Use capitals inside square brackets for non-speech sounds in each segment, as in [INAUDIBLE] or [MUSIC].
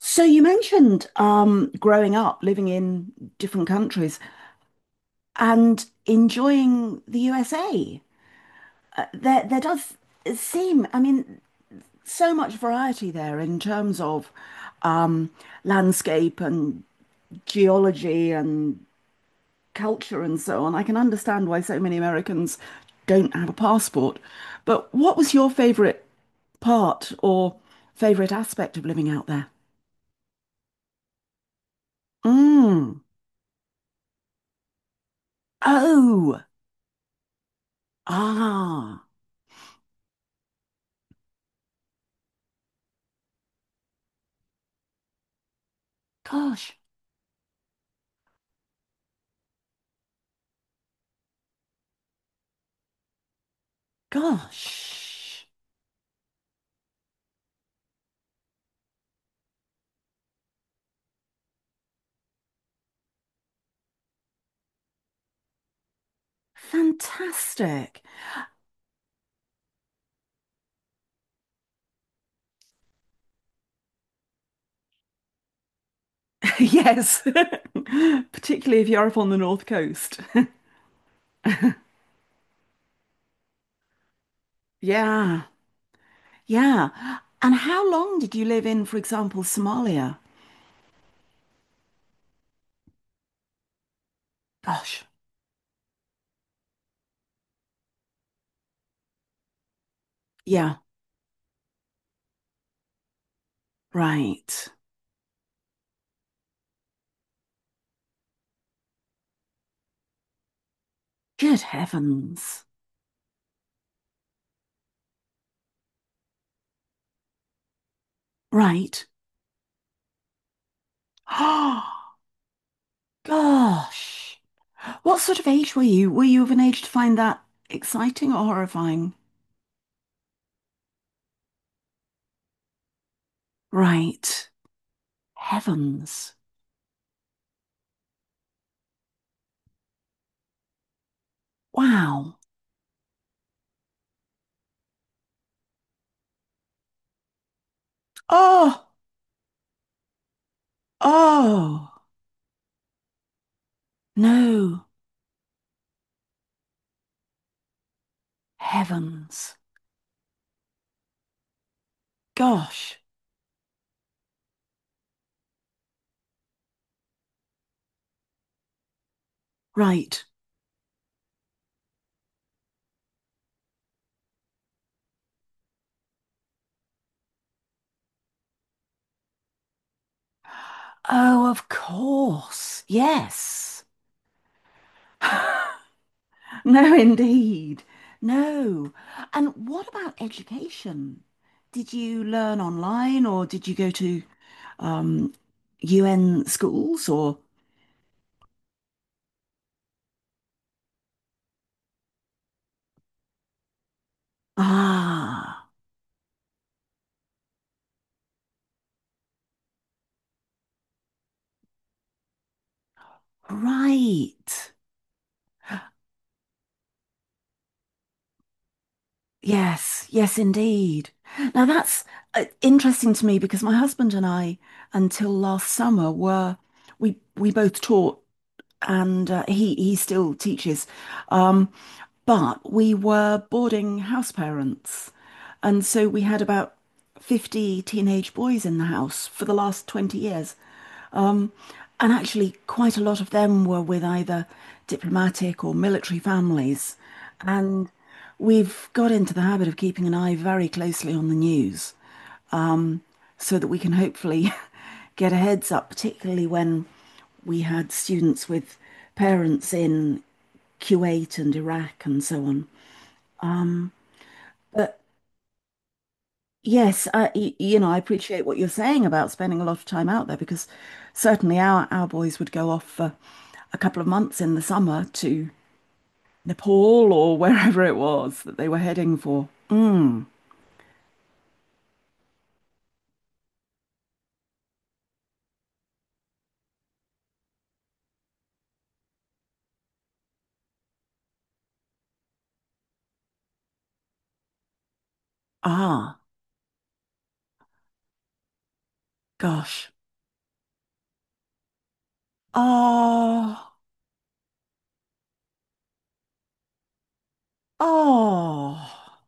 So you mentioned growing up, living in different countries, and enjoying the USA. There does seem, I mean, so much variety there in terms of um, landscape and geology and culture and so on. I can understand why so many Americans don't have a passport. But what was your favorite part or favorite aspect of living out there? Mm. Oh, ah. Gosh, gosh. Fantastic. [LAUGHS] Yes, [LAUGHS] particularly if you're up on the North Coast. [LAUGHS] Yeah, yeah. And how long did you live in, for example, Somalia? Gosh, yeah, right. Good heavens. Right. [GASPS] Oh, gosh. What sort of age were you? Were you of an age to find that exciting or horrifying? Right. Heavens. Wow. Oh, oh. No. Heavens. Gosh. Right. Oh, of course. Yes. [LAUGHS] No, indeed. No. And what about education? Did you learn online or did you go to um, UN schools or? Ah, right. Yes, yes, indeed. Now that's interesting to me because my husband and I, until last summer, were we both taught, and he still teaches, um, but we were boarding house parents, and so we had about 50 teenage boys in the house for the last 20 years. And actually, quite a lot of them were with either diplomatic or military families. And we've got into the habit of keeping an eye very closely on the news so that we can hopefully [LAUGHS] get a heads up, particularly when we had students with parents in Kuwait and Iraq and so on. But yes, I appreciate what you're saying about spending a lot of time out there because certainly our boys would go off for a couple of months in the summer to Nepal or wherever it was that they were heading for. Mm. Ah, gosh. Oh, oh.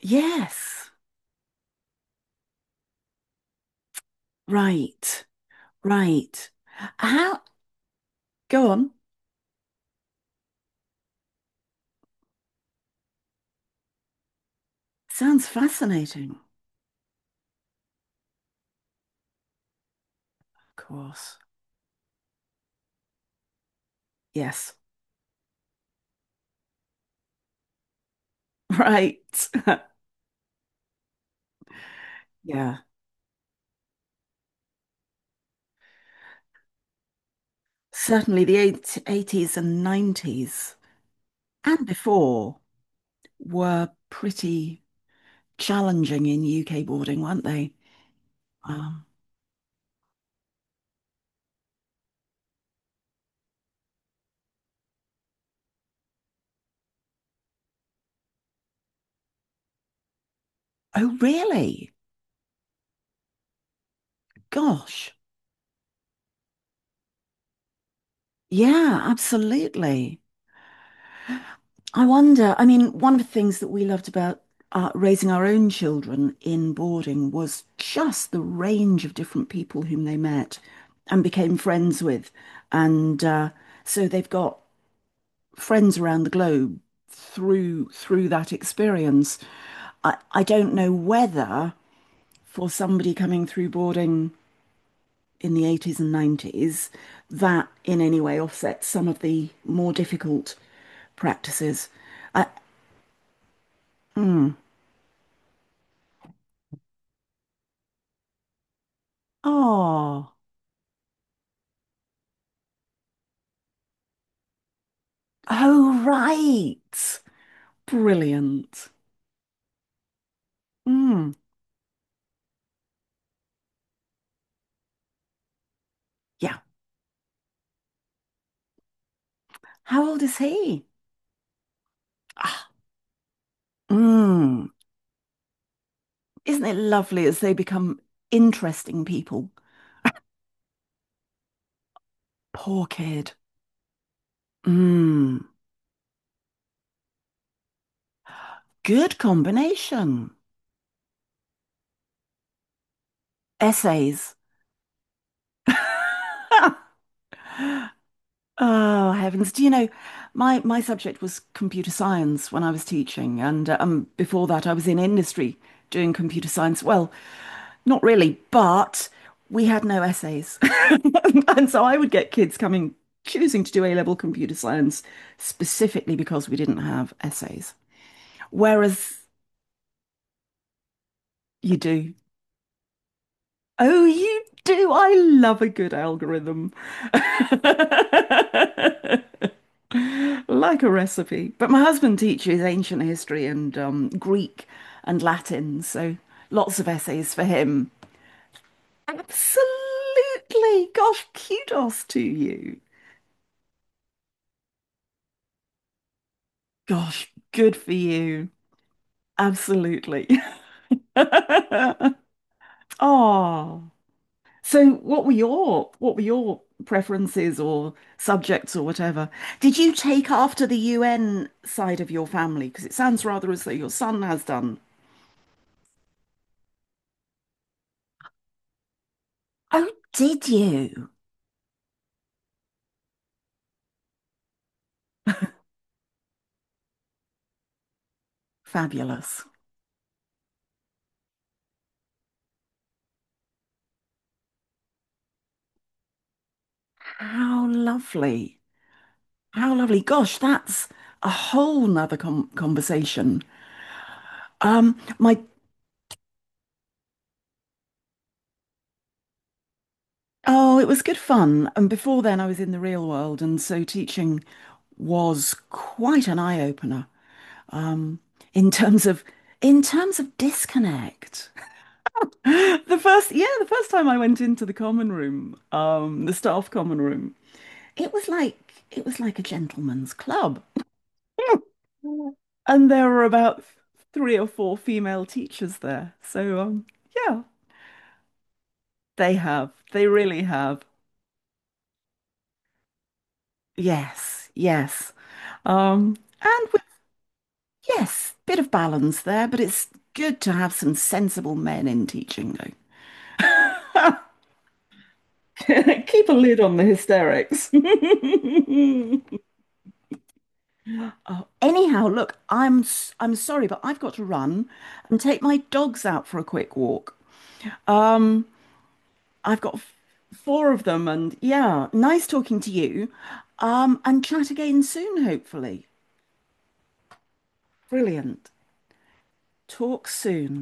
Yes. Right, right. How? Go on. Sounds fascinating. Of course. Yes. [LAUGHS] Right. Yeah. Certainly the 80s and 90s and before were pretty challenging in UK boarding, weren't they? Um, oh, really? Gosh. Yeah, absolutely. I wonder, I mean, one of the things that we loved about raising our own children in boarding was just the range of different people whom they met and became friends with. And so they've got friends around the globe through that experience. I don't know whether for somebody coming through boarding in the 80s and 90s, that in any way offsets some of the more difficult practices. I, oh, oh, right. Brilliant. Mm, yeah. How old is he? Ah, mm. Isn't it lovely as they become interesting people? Poor kid. Mm, good combination. Essays. [LAUGHS] Oh, heavens. Do you know, my subject was computer science when I was teaching. And before that, I was in industry doing computer science. Well, not really, but we had no essays. [LAUGHS] And so I would get kids coming, choosing to do A-level computer science specifically because we didn't have essays. Whereas you do. Oh, you do. I love a good algorithm. [LAUGHS] Like a recipe. But my husband teaches ancient history and Greek and Latin, so lots of essays for him. Absolutely. Gosh, kudos to you. Gosh, good for you. Absolutely. [LAUGHS] Oh. So what were your preferences or subjects or whatever? Did you take after the UN side of your family? Because it sounds rather as though your son has done. Oh, did you? Fabulous. How lovely. How lovely. Gosh, that's a whole nother com conversation. My oh, it was good fun. And before then, I was in the real world, and so teaching was quite an eye opener. Um, in terms of in terms of disconnect. [LAUGHS] Yeah, the first time I went into the common room, the staff common room, it was like a gentleman's club. [LAUGHS] And there were about three or four female teachers there. So, yeah, they have. They really have. Yes, yes. And with, yes, bit of balance there, but it's good to have some sensible men in teaching, though. [LAUGHS] Keep a lid on the hysterics. [LAUGHS] Oh, anyhow, look, I'm sorry, but I've got to run and take my dogs out for a quick walk. Um, I've got f- four of them, and yeah, nice talking to you. And chat again soon, hopefully. Brilliant. Talk soon.